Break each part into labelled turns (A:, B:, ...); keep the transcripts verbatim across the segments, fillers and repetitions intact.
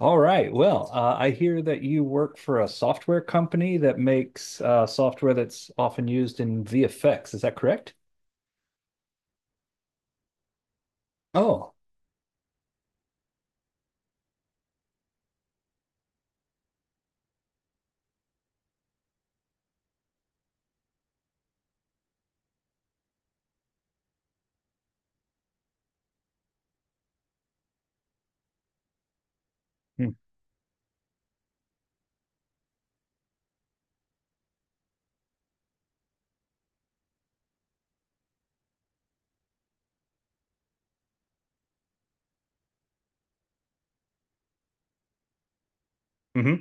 A: All right. Well, uh, I hear that you work for a software company that makes uh, software that's often used in V F X. Is that correct? Oh, mm-hmm.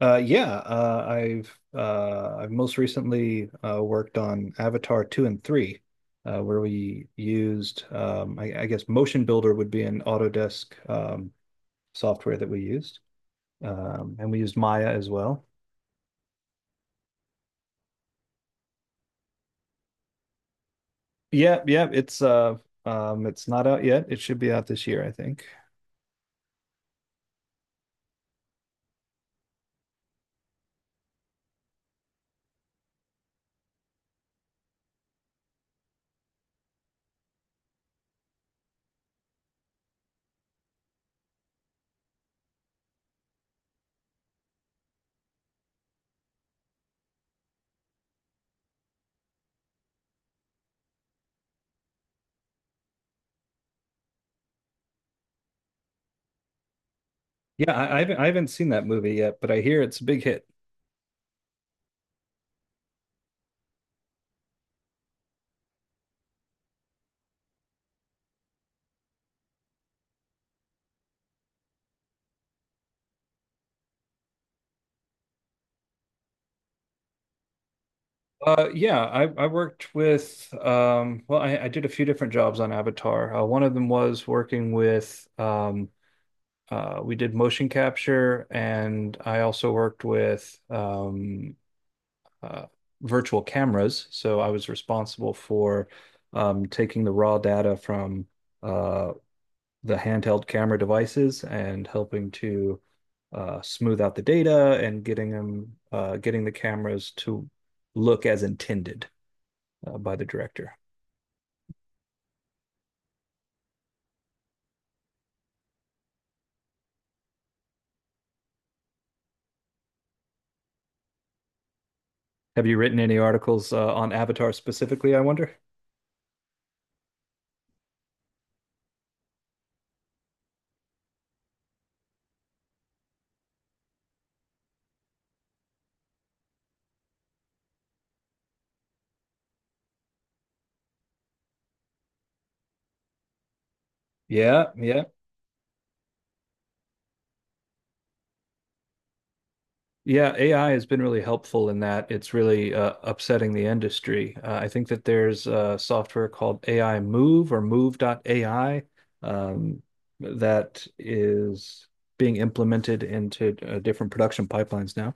A: Uh, yeah. Uh, I've uh, I've most recently uh, worked on Avatar two and three, uh, where we used, um, I, I guess, Motion Builder would be an Autodesk um, software that we used, um, and we used Maya as well. Yeah, yeah. It's uh, um, it's not out yet. It should be out this year, I think. Yeah, I, I haven't I haven't seen that movie yet, but I hear it's a big hit. Uh, yeah, I, I worked with um, well, I, I did a few different jobs on Avatar. Uh, one of them was working with um, uh, we did motion capture, and I also worked with um, uh, virtual cameras. So I was responsible for um, taking the raw data from uh, the handheld camera devices and helping to uh, smooth out the data, and getting them uh, getting the cameras to look as intended uh, by the director. Have you written any articles uh, on Avatar specifically, I wonder? Yeah, yeah. Yeah, A I has been really helpful in that. It's really uh, upsetting the industry. Uh, I think that there's uh, software called A I Move, or move dot A I, um, that is being implemented into uh, different production pipelines now.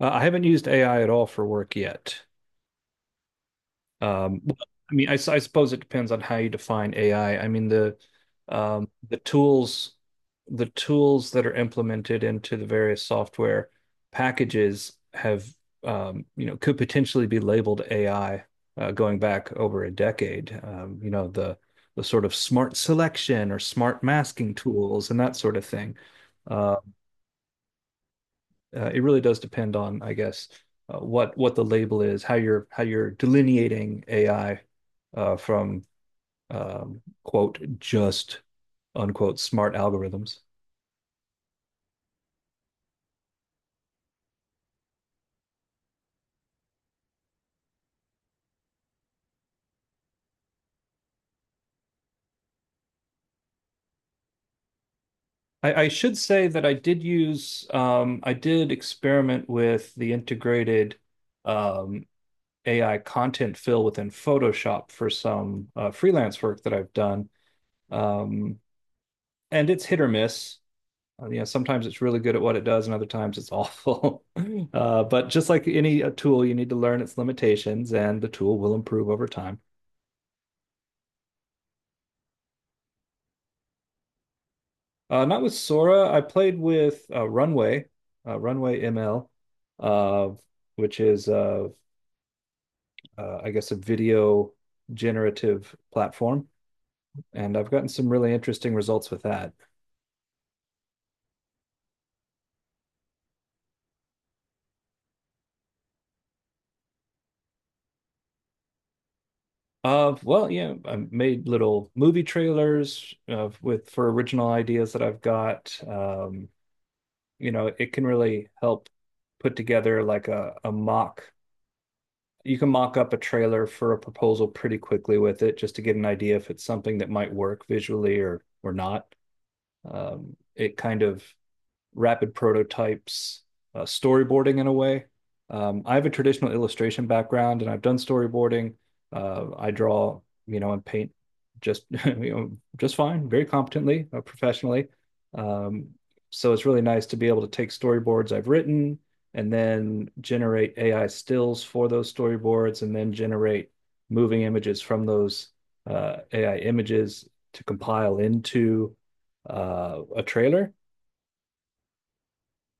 A: Uh, I haven't used A I at all for work yet. Um, well, I mean, I I suppose it depends on how you define A I. I I mean, the um, the tools the tools that are implemented into the various software packages have, um, you know, could potentially be labeled A I uh, going back over a decade. Um, you know, the the sort of smart selection or smart masking tools and that sort of thing. Uh, uh, it really does depend on, I guess, uh, what what the label is, how you're how you're delineating A I uh, from, um, quote, just unquote, smart algorithms. I, I should say that I did use um, I did experiment with the integrated, um, A I content fill within Photoshop for some uh, freelance work that I've done, um, and it's hit or miss. Uh, you know, sometimes it's really good at what it does, and other times it's awful. Uh, but just like any uh, tool, you need to learn its limitations, and the tool will improve over time. Uh, not with Sora. I played with uh, Runway, uh, Runway M L, uh, which is, uh, uh, I guess, a video generative platform, and I've gotten some really interesting results with that. Uh, well, yeah, I made little movie trailers uh, with for original ideas that I've got. Um, you know, it can really help put together like a, a mock. You can mock up a trailer for a proposal pretty quickly with it, just to get an idea if it's something that might work visually, or or not. Um, it kind of rapid prototypes uh, storyboarding, in a way. Um, I have a traditional illustration background, and I've done storyboarding. Uh, I draw, you know, and paint just, you know, just fine, very competently, uh, professionally. Um, so it's really nice to be able to take storyboards I've written and then generate A I stills for those storyboards, and then generate moving images from those uh, A I images to compile into uh, a trailer.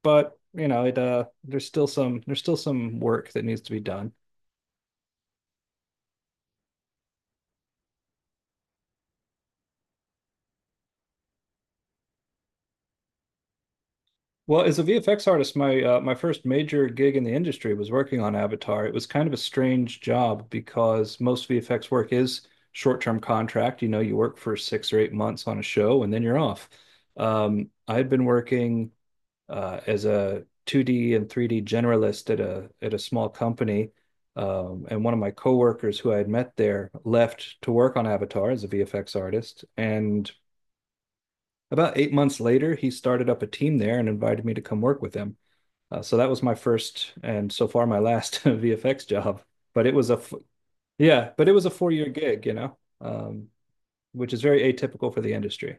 A: But you know, it uh there's still some there's still some work that needs to be done. Well, as a VFX artist, my uh, my first major gig in the industry was working on Avatar. It was kind of a strange job because most VFX work is short-term contract. You know, you work for six or eight months on a show, and then you're off. um, I'd been working uh, as a two D and three D generalist at a at a small company. Um, and one of my coworkers who I had met there left to work on Avatar as a V F X artist. And about eight months later, he started up a team there and invited me to come work with him. Uh, so that was my first and so far my last V F X job. But it was a Yeah, but it was a four year gig, you know, um, which is very atypical for the industry.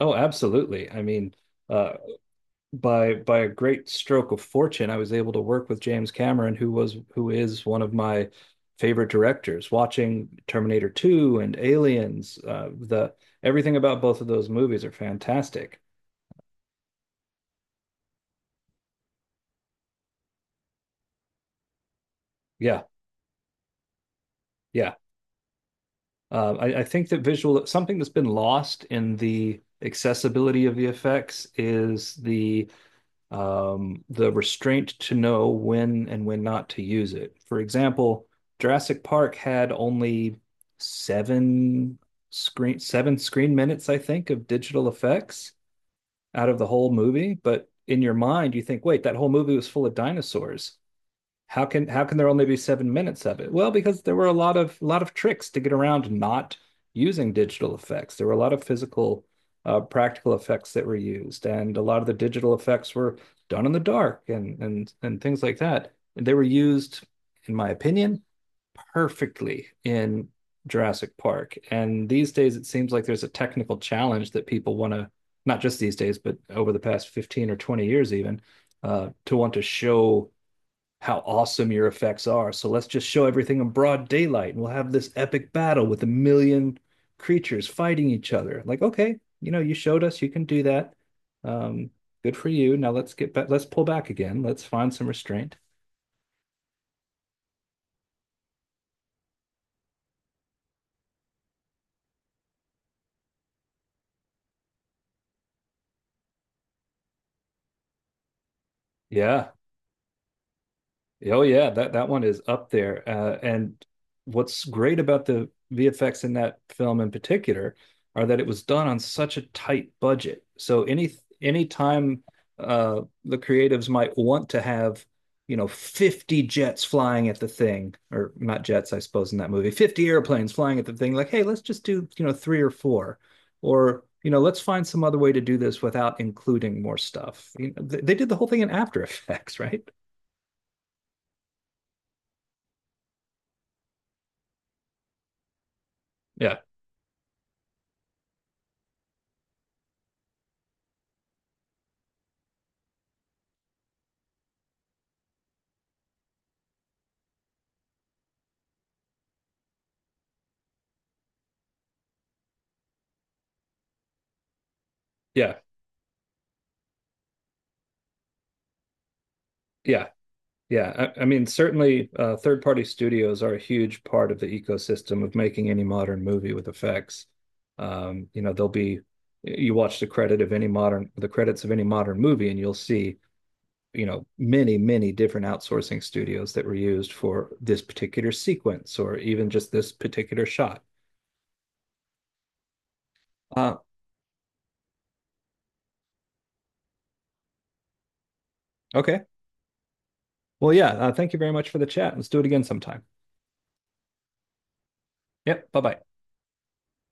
A: Oh, absolutely. I mean, uh, by by a great stroke of fortune, I was able to work with James Cameron, who was who is one of my favorite directors. Watching Terminator two and Aliens, uh, the everything about both of those movies are fantastic. Yeah, yeah. Uh, I, I think that visual something that's been lost in the accessibility of the effects is the um, the restraint to know when and when not to use it. For example, Jurassic Park had only seven screen seven screen minutes, I think, of digital effects out of the whole movie. But in your mind, you think, wait, that whole movie was full of dinosaurs. How can how can there only be seven minutes of it? Well, because there were a lot of a lot of tricks to get around not using digital effects. There were a lot of physical, uh, practical effects that were used, and a lot of the digital effects were done in the dark, and and and things like that. And they were used, in my opinion, perfectly in Jurassic Park. And these days, it seems like there's a technical challenge that people want to, not just these days, but over the past fifteen or twenty years, even, uh, to want to show how awesome your effects are. So let's just show everything in broad daylight, and we'll have this epic battle with a million creatures fighting each other. Like, okay, you know, you showed us you can do that. Um, Good for you. Now let's get back, let's pull back again. Let's find some restraint. Yeah. Oh yeah, that that one is up there. Uh, and what's great about the V F X in that film in particular are that it was done on such a tight budget. So any any time uh, the creatives might want to have, you know, fifty jets flying at the thing, or not jets, I suppose, in that movie, fifty airplanes flying at the thing, like, hey, let's just do, you know, three or four, or, you know, let's find some other way to do this without including more stuff. You know, they, they did the whole thing in After Effects, right? Yeah. Yeah, yeah, yeah. I, I mean, certainly, uh, third-party studios are a huge part of the ecosystem of making any modern movie with effects. Um, you know, there'll be you watch the credit of any modern the credits of any modern movie, and you'll see, you know, many many different outsourcing studios that were used for this particular sequence or even just this particular shot. Uh, okay. Well, yeah. Uh, thank you very much for the chat. Let's do it again sometime. Yep. Bye bye.